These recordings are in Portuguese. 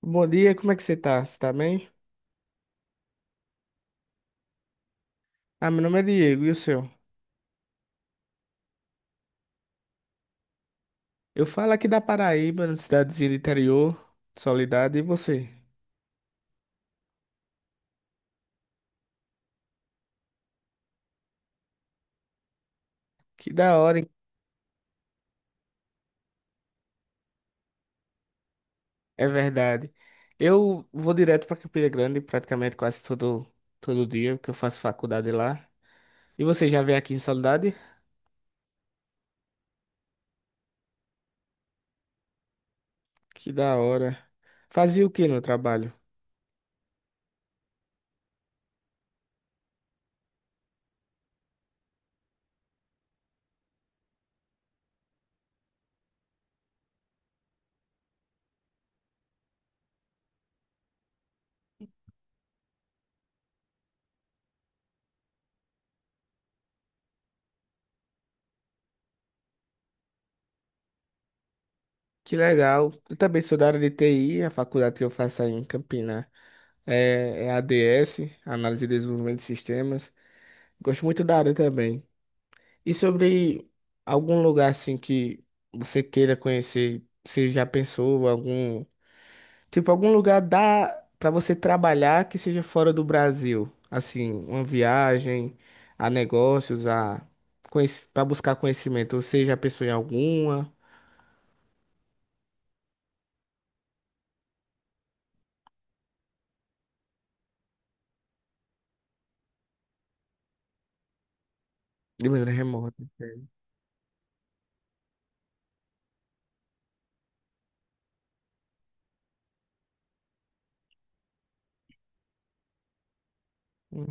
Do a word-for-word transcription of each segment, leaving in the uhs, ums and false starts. Bom dia, como é que você tá? Você tá bem? Ah, meu nome é Diego, e o seu? Eu falo aqui da Paraíba, na cidadezinha do interior, Soledade, e você? Que da hora, hein? É verdade. Eu vou direto pra Campina Grande praticamente quase todo, todo dia, porque eu faço faculdade lá. E você já veio aqui em Soledade? Que da hora. Fazia o que no trabalho? Que legal. Eu também sou da área de T I. A faculdade que eu faço aí em Campina é, é A D S, Análise e Desenvolvimento de Sistemas. Gosto muito da área também. E sobre algum lugar assim que você queira conhecer, você já pensou algum, tipo algum lugar dá para você trabalhar que seja fora do Brasil, assim, uma viagem a negócios, a para buscar conhecimento. Você já pensou em alguma de maneira remota? Entende? Hum,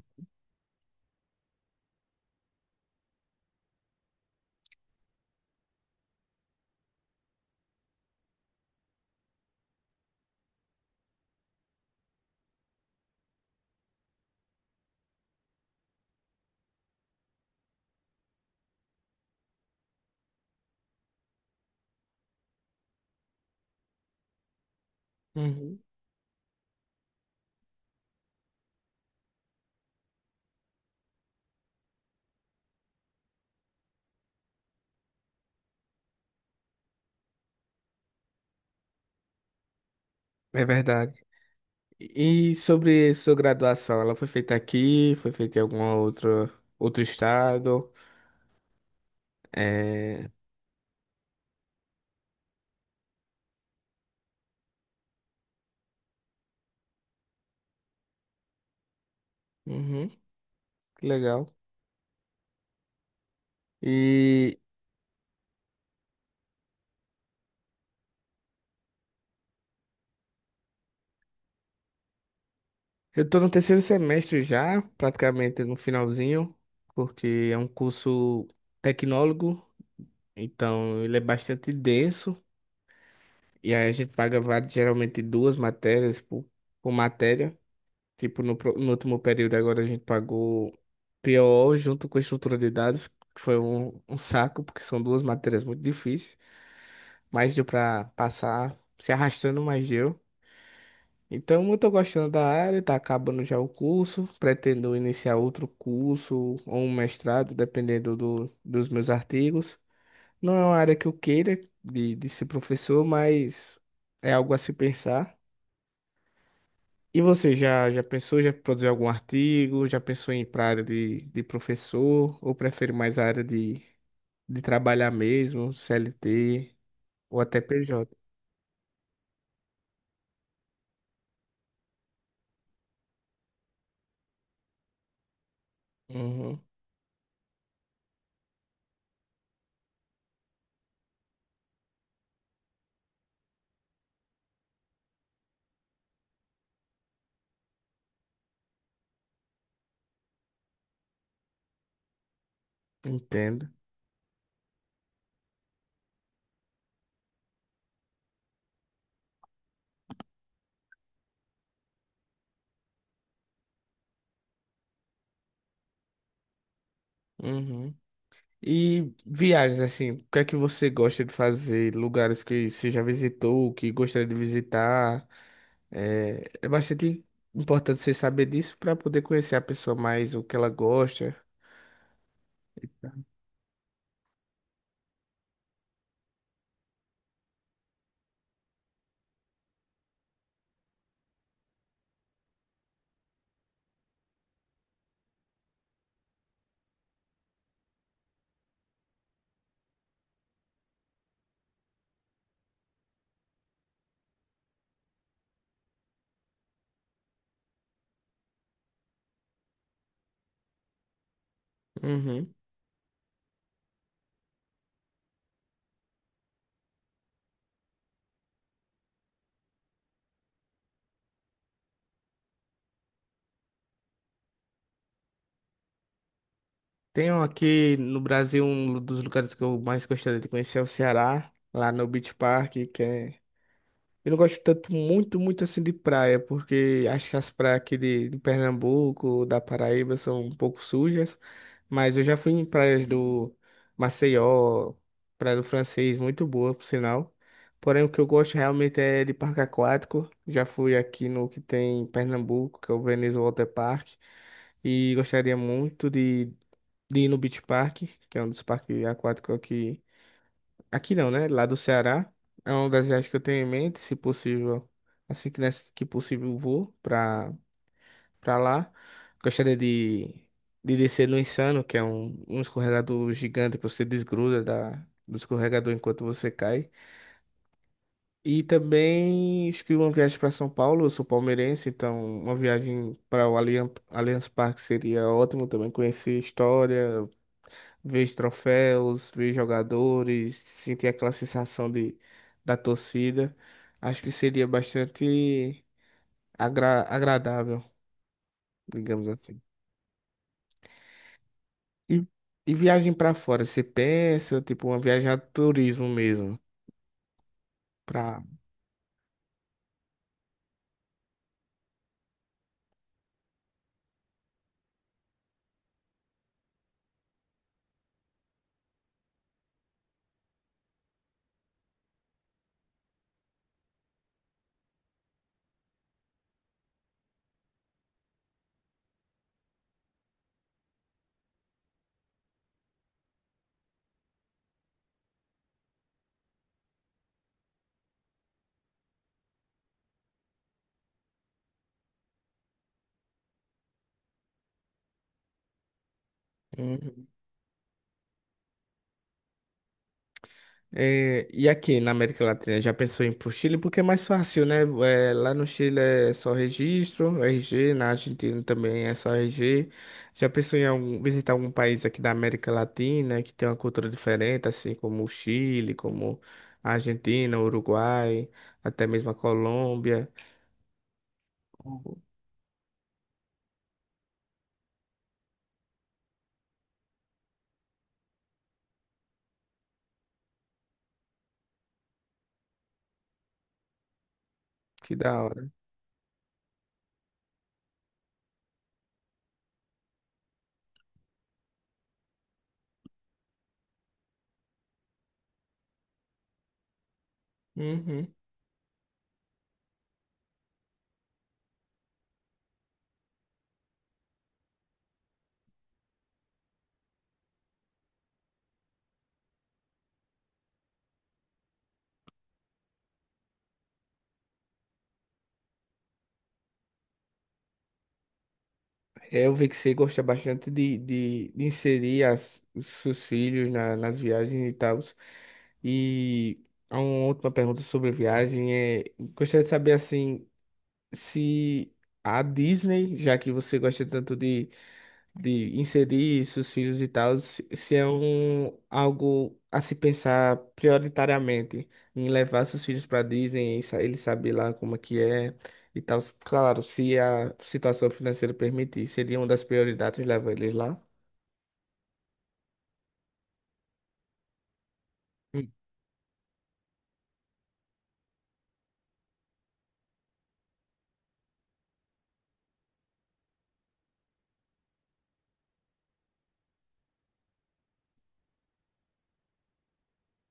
uhum. É verdade. E sobre sua graduação, ela foi feita aqui, foi feita em algum outro outro estado? É, uhum, que legal. E eu tô no terceiro semestre já, praticamente no finalzinho, porque é um curso tecnólogo, então ele é bastante denso, e aí a gente paga va- geralmente duas matérias por, por matéria. Tipo, no, pro- no último período agora a gente pagou P O junto com estrutura de dados, que foi um, um saco, porque são duas matérias muito difíceis, mas deu pra passar se arrastando, mas deu. Então, eu tô gostando da área, tá acabando já o curso, pretendo iniciar outro curso ou um mestrado, dependendo do, dos meus artigos. Não é uma área que eu queira de, de ser professor, mas é algo a se pensar. E você já, já pensou, já produziu algum artigo? Já pensou em ir para área de, de professor? Ou prefere mais a área de, de trabalhar mesmo, C L T ou até P J? Uhum, entendo. Uhum. E viagens, assim, o que é que você gosta de fazer? Lugares que você já visitou, que gostaria de visitar? É, é bastante importante você saber disso para poder conhecer a pessoa mais, o que ela gosta. Uhum. Tenho aqui no Brasil. Um dos lugares que eu mais gostaria de conhecer é o Ceará, lá no Beach Park, que é. Eu não gosto tanto, muito, muito assim de praia, porque acho que as praias aqui de, de Pernambuco, da Paraíba, são um pouco sujas. Mas eu já fui em praias do Maceió, Praia do Francês, muito boa, por sinal. Porém, o que eu gosto realmente é de parque aquático. Já fui aqui no que tem em Pernambuco, que é o Veneza Water Park. E gostaria muito de, de ir no Beach Park, que é um dos parques aquáticos aqui. Aqui não, né? Lá do Ceará. É uma das viagens que eu tenho em mente, se possível, assim que, nessa, que possível eu vou pra, pra lá. Gostaria de, de descer no Insano, que é um, um escorregador gigante que você desgruda da, do escorregador enquanto você cai. E também acho que uma viagem para São Paulo, eu sou palmeirense, então uma viagem para o Allianz, Allianz Parque seria ótimo também conhecer história, ver os troféus, ver os jogadores, sentir aquela sensação de, da torcida. Acho que seria bastante agra- agradável, digamos assim. E, e viagem para fora, você pensa, tipo, uma viagem a turismo mesmo, para. É, e aqui na América Latina, já pensou em ir pro Chile? Porque é mais fácil, né? É, lá no Chile é só registro, R G, na Argentina também é só R G. Já pensou em algum- visitar algum país aqui da América Latina que tem uma cultura diferente, assim como o Chile, como a Argentina, o Uruguai, até mesmo a Colômbia? Pô. Que da hora. Uhum. É, eu vi que você gosta bastante de, de, de inserir as, os seus filhos na- nas viagens e tal. E há uma última pergunta sobre viagem é, gostaria de saber assim, se a Disney, já que você gosta tanto de de inserir seus filhos e tal, se se é um, algo a se pensar prioritariamente em levar seus filhos para Disney, e sa- ele saber lá como é que é e tal. Claro, se a situação financeira permitir, seria uma das prioridades levar eles lá. Hum.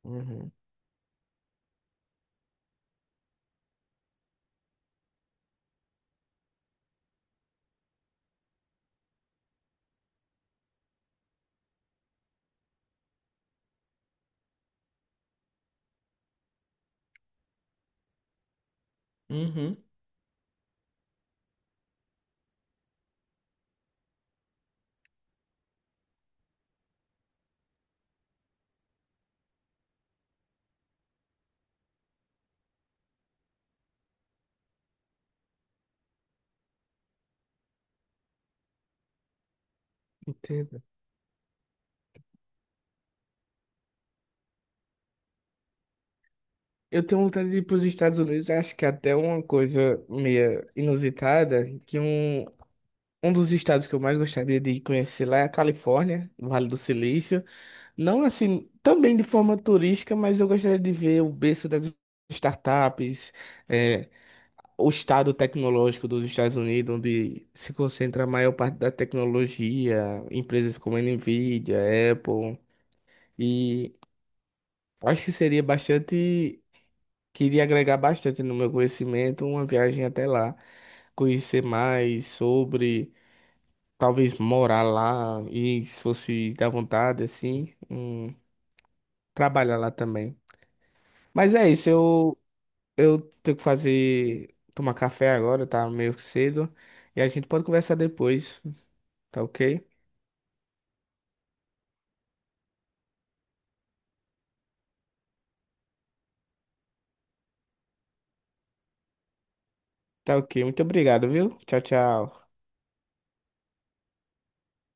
Uhum. Uhum. Entendo. Eu tenho vontade de ir para os Estados Unidos, acho que é até uma coisa meio inusitada, que um, um dos estados que eu mais gostaria de conhecer lá é a Califórnia, Vale do Silício. Não assim, também de forma turística, mas eu gostaria de ver o berço das startups, eh, o estado tecnológico dos Estados Unidos, onde se concentra a maior parte da tecnologia, empresas como a Nvidia, Apple. E acho que seria bastante, queria agregar bastante no meu conhecimento uma viagem até lá conhecer mais sobre. Talvez morar lá e se fosse da vontade, assim, hum, trabalhar lá também. Mas é isso, eu, eu tenho que fazer, tomar café agora, tá meio cedo. E a gente pode conversar depois, tá ok? Tá ok, muito obrigado, viu? Tchau, tchau.